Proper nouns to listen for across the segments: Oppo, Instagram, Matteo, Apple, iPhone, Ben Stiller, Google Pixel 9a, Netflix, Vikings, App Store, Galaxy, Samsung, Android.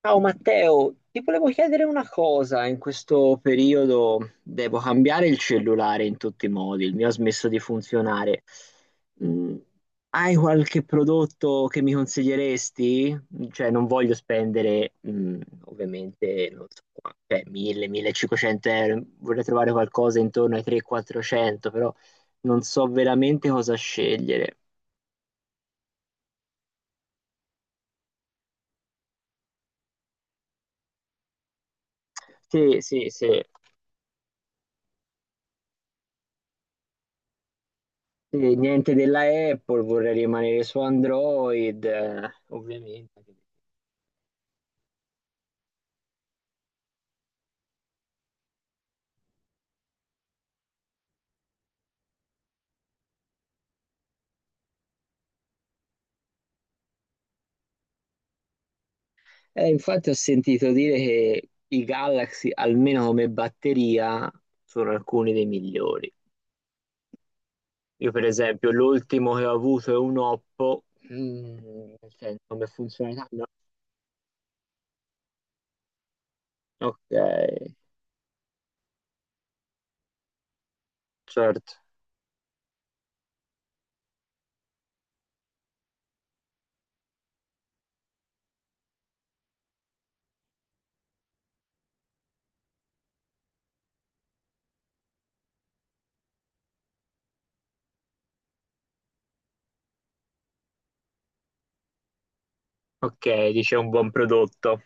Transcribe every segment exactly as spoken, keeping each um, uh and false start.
Ciao Matteo, ti volevo chiedere una cosa, in questo periodo devo cambiare il cellulare in tutti i modi, il mio ha smesso di funzionare. Mm, Hai qualche prodotto che mi consiglieresti? Cioè non voglio spendere mm, ovviamente non so, qua- cioè, mille-millecinquecento euro, vorrei trovare qualcosa intorno ai trecento quattrocento, però non so veramente cosa scegliere. Sì, sì, sì. Sì, niente della Apple, vorrei rimanere su Android, eh, ovviamente. Eh, infatti ho sentito dire che i Galaxy, almeno come batteria, sono alcuni dei migliori. Io, per esempio, l'ultimo che ho avuto è un Oppo. Mm, Nel senso, come funzionalità, no. Ok, certo. Ok, dice un buon prodotto.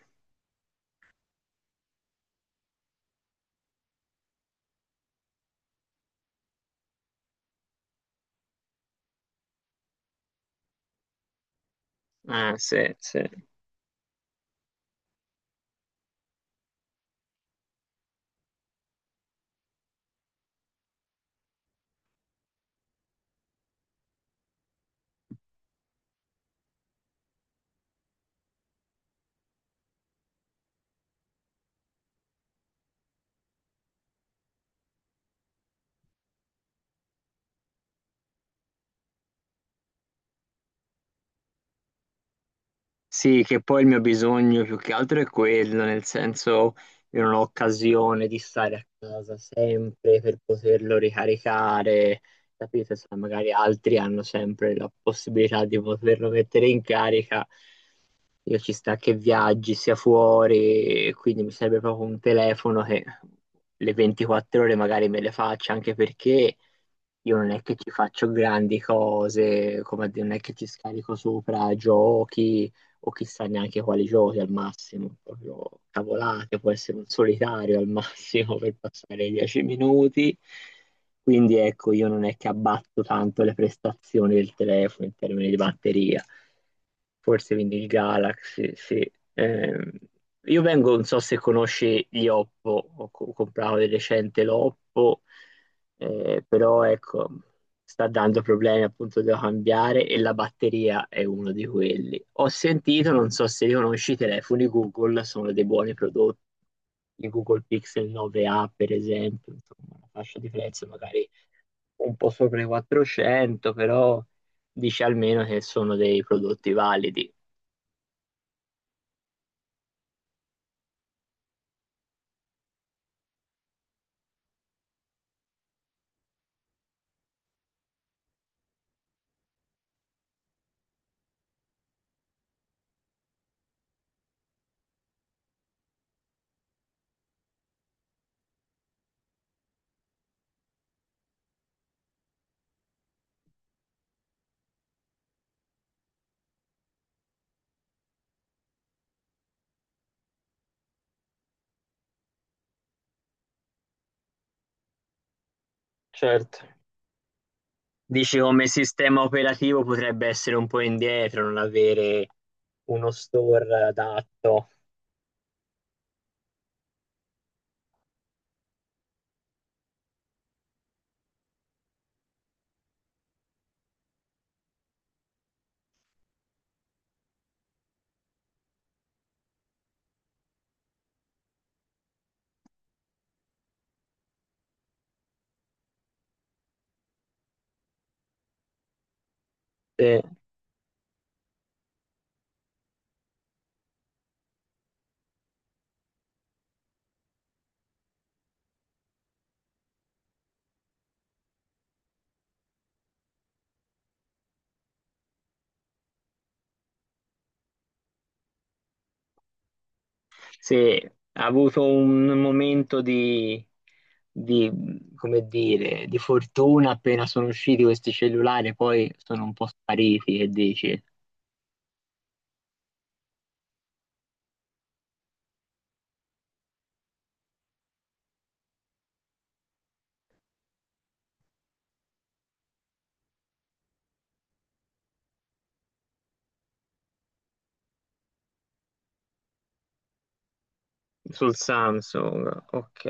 Ah, sì, sì. Sì, che poi il mio bisogno più che altro è quello, nel senso io non ho occasione di stare a casa sempre per poterlo ricaricare, capite? Se magari altri hanno sempre la possibilità di poterlo mettere in carica, io ci sta che viaggi, sia fuori, e quindi mi serve proprio un telefono che le ventiquattro ore magari me le faccia, anche perché io non è che ci faccio grandi cose, come a dire, non è che ci scarico sopra giochi o chissà neanche quali giochi al massimo, proprio cavolate, può essere un solitario al massimo per passare i dieci minuti. Quindi ecco, io non è che abbatto tanto le prestazioni del telefono in termini di batteria. Forse quindi il Galaxy, sì. Ehm, io vengo, non so se conosci gli Oppo, ho co- comprato di recente l'Oppo, eh, però ecco sta dando problemi, appunto devo cambiare e la batteria è uno di quelli. Ho sentito, non so se li conosci, i telefoni Google sono dei buoni prodotti. Il Google Pixel nove a, per esempio, insomma, una fascia di prezzo magari un po' sopra i quattrocento, però dici almeno che sono dei prodotti validi. Certo. Dici come sistema operativo potrebbe essere un po' indietro, non avere uno store adatto. Sì. Sì, ha avuto un momento di, di, come dire, di fortuna appena sono usciti questi cellulari, poi sono un po' spariti, che dici? Sul Samsung, ok.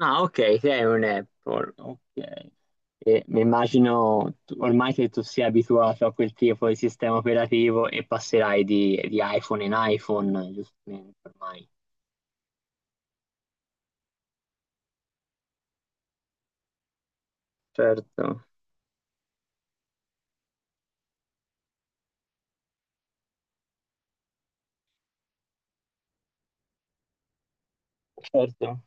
Ah, ok, sei un Apple, ok. E mi immagino tu- ormai che tu sia abituato a quel tipo di sistema operativo e passerai di, di iPhone in iPhone, giustamente, ormai. Certo, certo.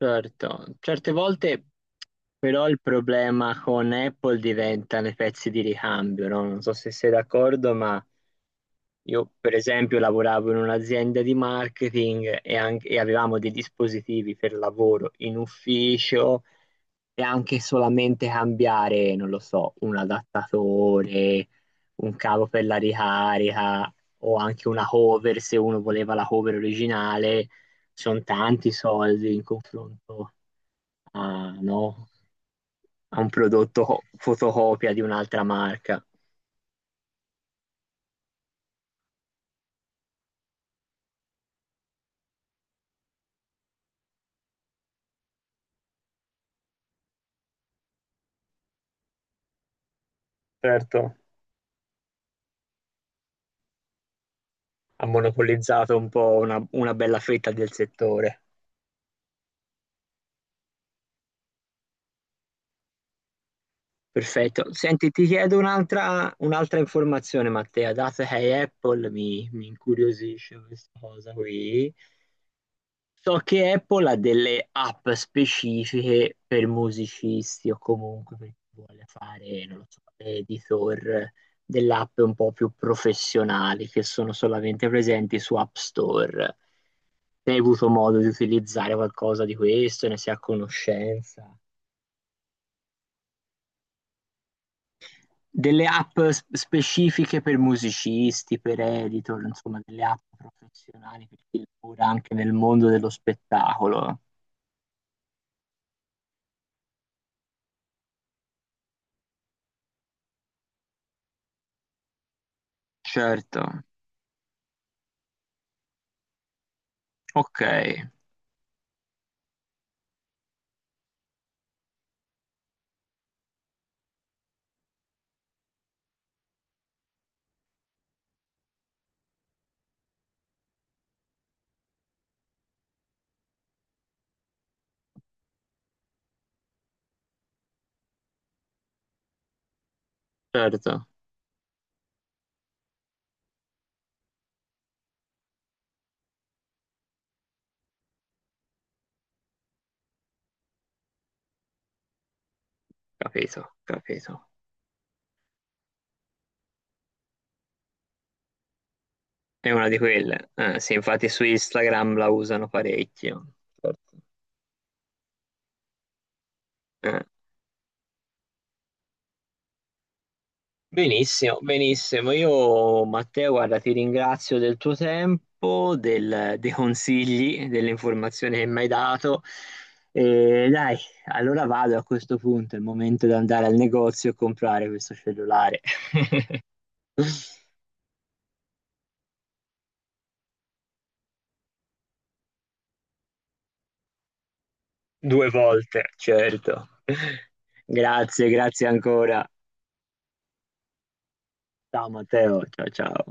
Certo, certe volte però il problema con Apple diventano i pezzi di ricambio, no? Non so se sei d'accordo, ma io per esempio lavoravo in un'azienda di marketing e, anche- e avevamo dei dispositivi per lavoro in ufficio e anche solamente cambiare, non lo so, un adattatore, un cavo per la ricarica o anche una cover se uno voleva la cover originale, sono tanti soldi in confronto. Ah, no, ha un prodotto co- fotocopia di un'altra marca. Certo, ha monopolizzato un po' una, una bella fetta del settore. Perfetto. Senti, ti chiedo un'altra, un'altra informazione, Matteo. Dato che hai Apple, mi, mi incuriosisce questa cosa qui. So che Apple ha delle app specifiche per musicisti o comunque per chi vuole fare, non lo so, editor delle app un po' più professionali che sono solamente presenti su App Store. Se hai avuto modo di utilizzare qualcosa di questo, ne sei a conoscenza. Delle app s- specifiche per musicisti, per editor, insomma, delle app professionali per chi lavora anche nel mondo dello spettacolo. Certo, ok, certo. Capito, capito. È una di quelle. Eh, sì, infatti su Instagram la usano parecchio. Certo. Eh, Benissimo, benissimo. Io, Matteo, guarda, ti ringrazio del tuo tempo, del- dei consigli, delle informazioni che mi hai dato. E dai, allora vado a questo punto, è il momento di andare al negozio e comprare questo cellulare. Due volte, certo. Grazie, grazie ancora. Ciao Matteo, ciao ciao.